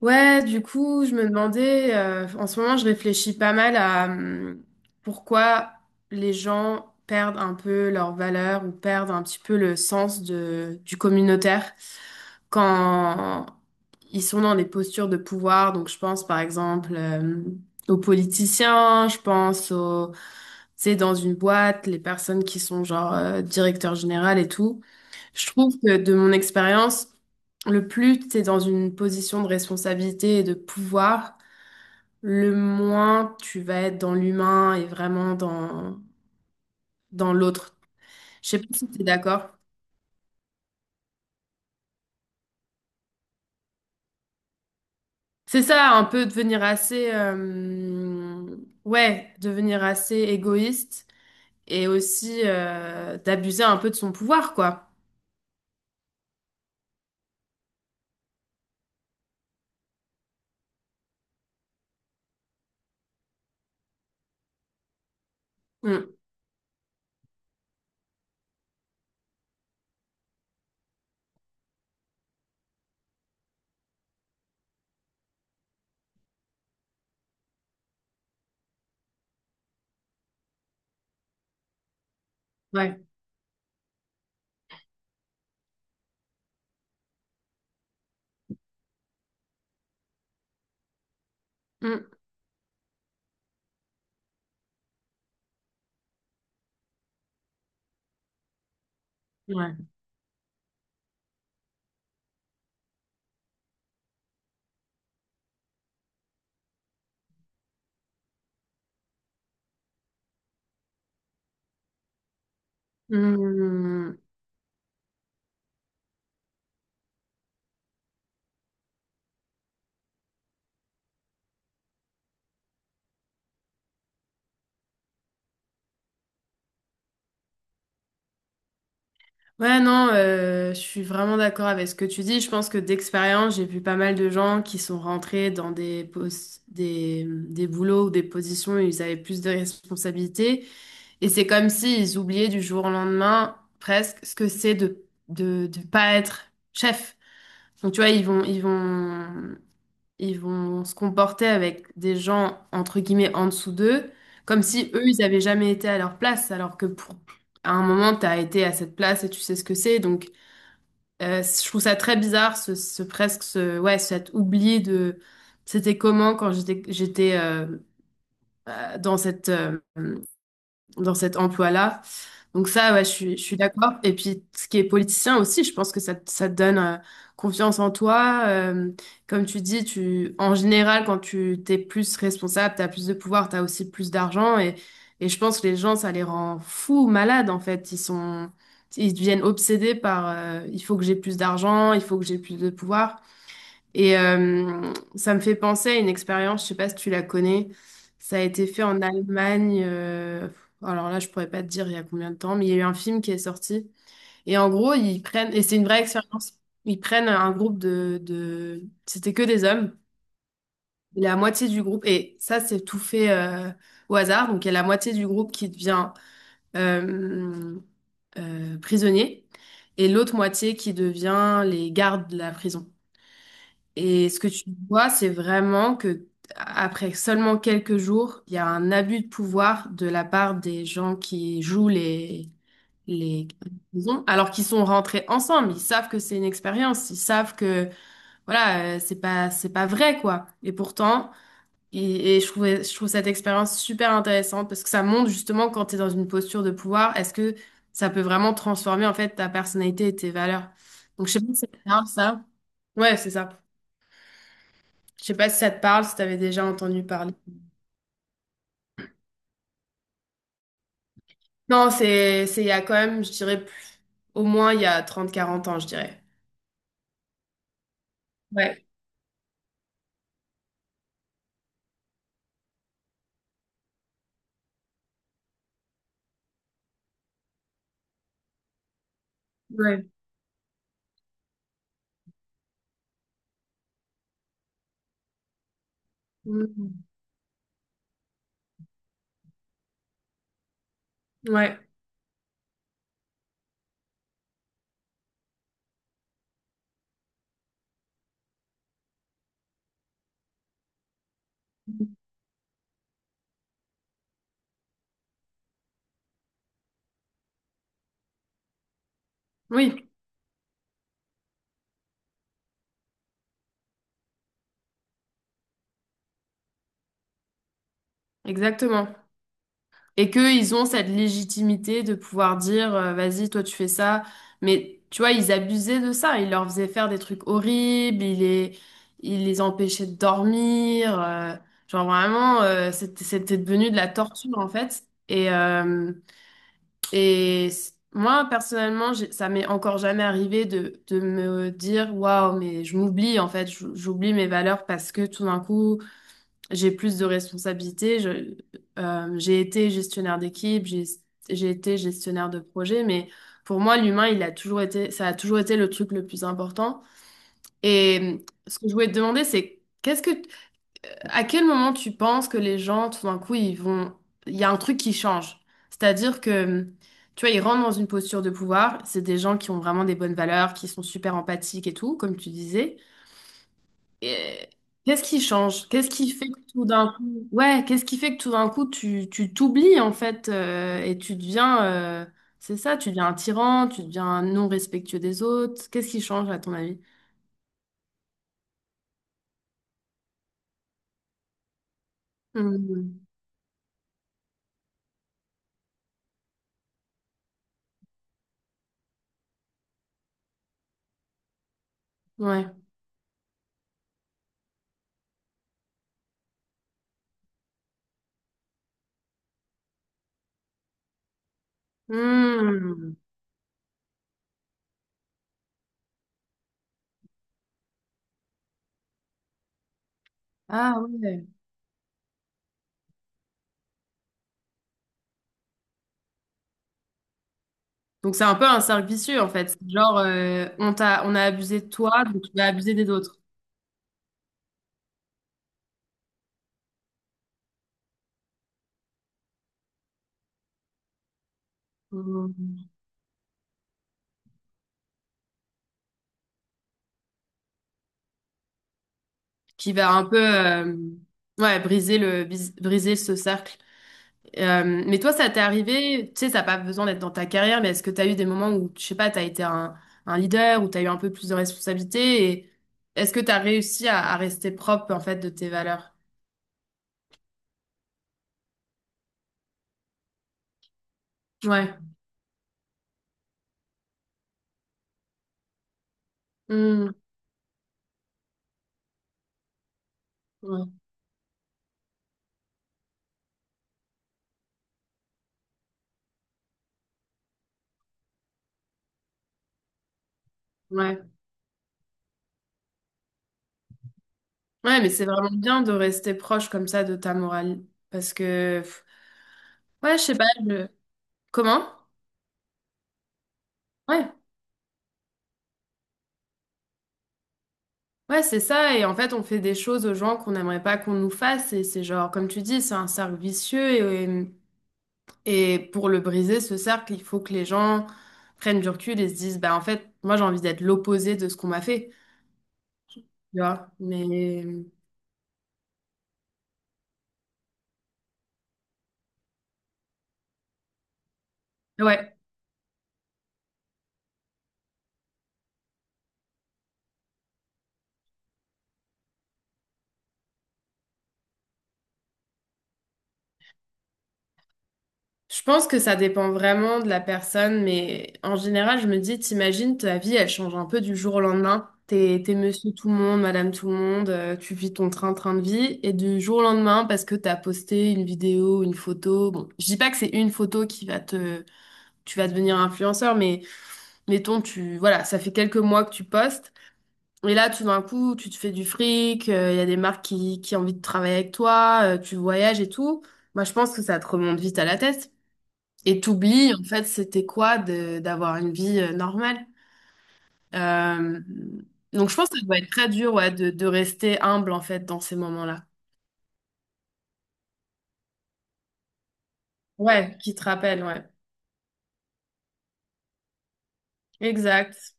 Ouais, du coup, je me demandais, en ce moment, je réfléchis pas mal à pourquoi les gens perdent un peu leur valeur ou perdent un petit peu le sens du communautaire quand ils sont dans des postures de pouvoir. Donc, je pense par exemple aux politiciens, je pense tu sais, dans une boîte, les personnes qui sont genre directeur général et tout. Je trouve que de mon expérience, le plus tu es dans une position de responsabilité et de pouvoir, le moins tu vas être dans l'humain et vraiment dans l'autre. Je sais pas si tu es d'accord. C'est ça, un peu devenir ouais, devenir assez égoïste et aussi d'abuser un peu de son pouvoir, quoi. Mm, ouais. Mm, ouais. Mm. Ouais, non, je suis vraiment d'accord avec ce que tu dis. Je pense que d'expérience, j'ai vu pas mal de gens qui sont rentrés dans des boulots ou des positions où ils avaient plus de responsabilités. Et c'est comme s'ils oubliaient du jour au lendemain presque ce que c'est de pas être chef. Donc, tu vois, ils vont se comporter avec des gens, entre guillemets, en dessous d'eux, comme si eux, ils avaient jamais été à leur place, alors que pour, à un moment, tu as été à cette place et tu sais ce que c'est. Donc, je trouve ça très bizarre, ouais, cet oubli de c'était comment quand j'étais dans cette dans cet emploi-là. Donc ça, ouais, je suis d'accord. Et puis, ce qui est politicien aussi, je pense que ça te donne confiance en toi. Comme tu dis, tu, en général, quand tu t'es plus responsable, tu as plus de pouvoir, tu as aussi plus d'argent. Et je pense que les gens, ça les rend fous, malades, en fait. Ils deviennent obsédés par, il faut que j'ai plus d'argent, il faut que j'ai plus de pouvoir. Et ça me fait penser à une expérience, je sais pas si tu la connais. Ça a été fait en Allemagne. Alors là, je pourrais pas te dire il y a combien de temps, mais il y a eu un film qui est sorti. Et en gros, ils prennent, et c'est une vraie expérience, ils prennent un groupe C'était que des hommes. Et la moitié du groupe, et ça, c'est tout fait au hasard. Donc, il y a la moitié du groupe qui devient euh, prisonnier et l'autre moitié qui devient les gardes de la prison. Et ce que tu vois, c'est vraiment que après seulement quelques jours, il y a un abus de pouvoir de la part des gens qui jouent les prisons, alors qu'ils sont rentrés ensemble. Ils savent que c'est une expérience, ils savent que voilà, c'est pas vrai quoi. Et pourtant, et je trouve cette expérience super intéressante parce que ça montre justement quand tu es dans une posture de pouvoir, est-ce que ça peut vraiment transformer en fait ta personnalité et tes valeurs. Donc je sais pas si c'est ça. Ouais, c'est ça. Je sais pas si ça te parle, si t'avais déjà entendu parler. Non, c'est il y a quand même, je dirais, au moins il y a trente quarante ans, je dirais. Ouais. Ouais. Mhm. Ouais. Oui, exactement. Et qu'ils ont cette légitimité de pouvoir dire, vas-y, toi tu fais ça. Mais tu vois, ils abusaient de ça. Ils leur faisaient faire des trucs horribles, ils les empêchaient de dormir. Genre vraiment, c'était devenu de la torture en fait. Et, et moi, personnellement, ça m'est encore jamais arrivé de me dire, waouh, mais je m'oublie, en fait, j'oublie mes valeurs parce que tout d'un coup, j'ai plus de responsabilités. J'ai été gestionnaire d'équipe, j'ai été gestionnaire de projet, mais pour moi, l'humain, il a toujours été, ça a toujours été le truc le plus important. Et ce que je voulais te demander, c'est qu'est-ce que à quel moment tu penses que les gens, tout d'un coup, ils vont... Il y a un truc qui change. C'est-à-dire que, tu vois, ils rentrent dans une posture de pouvoir. C'est des gens qui ont vraiment des bonnes valeurs, qui sont super empathiques et tout, comme tu disais. Et qu'est-ce qui change? Qu'est-ce qui fait que tout d'un coup... Ouais, qu'est-ce qui fait que tout d'un coup, tu t'oublies, en fait, et tu deviens... c'est ça, tu deviens un tyran, tu deviens un non respectueux des autres. Qu'est-ce qui change, à ton avis? Mhm. Ouais. Mhm. Ah ouais. Donc c'est un peu un cercle vicieux en fait. C'est genre on a abusé de toi, donc tu vas abuser des autres. Mhm. Qui va un peu ouais, briser ce cercle. Mais toi ça t'est arrivé, tu sais ça n'a pas besoin d'être dans ta carrière, mais est-ce que tu as eu des moments où je sais pas, tu as été un leader ou tu as eu un peu plus de responsabilité et est-ce que tu as réussi à rester propre en fait de tes valeurs? Ouais. Mhm. Ouais. Ouais. Ouais, mais c'est vraiment bien de rester proche comme ça de ta morale parce que pff, ouais, je sais pas, Comment? Ouais, ouais, c'est ça. Et en fait, on fait des choses aux gens qu'on n'aimerait pas qu'on nous fasse. Et c'est genre, comme tu dis, c'est un cercle vicieux. Et pour le briser, ce cercle, il faut que les gens prennent du recul et se disent, bah en fait, moi j'ai envie d'être l'opposé de ce qu'on m'a fait. Tu vois? Mais ouais, je pense que ça dépend vraiment de la personne, mais en général, je me dis, t'imagines, ta vie, elle change un peu du jour au lendemain. T'es monsieur tout le monde, madame tout le monde, tu vis ton train-train de vie, et du jour au lendemain, parce que t'as posté une vidéo, une photo, bon, je dis pas que c'est une photo qui va te, tu vas devenir influenceur, mais mettons, tu, voilà, ça fait quelques mois que tu postes, et là, tout d'un coup, tu te fais du fric, il y a des marques qui ont envie de travailler avec toi, tu voyages et tout. Moi, je pense que ça te remonte vite à la tête. Et t'oublies, en fait, c'était quoi d'avoir une vie normale. Euh, donc je pense que ça doit être très dur, ouais, de rester humble, en fait, dans ces moments-là. Ouais, qui te rappelle, ouais. Exact.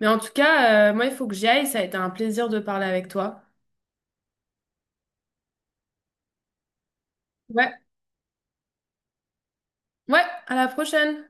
Mais en tout cas, moi, il faut que j'y aille. Ça a été un plaisir de parler avec toi. Ouais. Ouais, à la prochaine.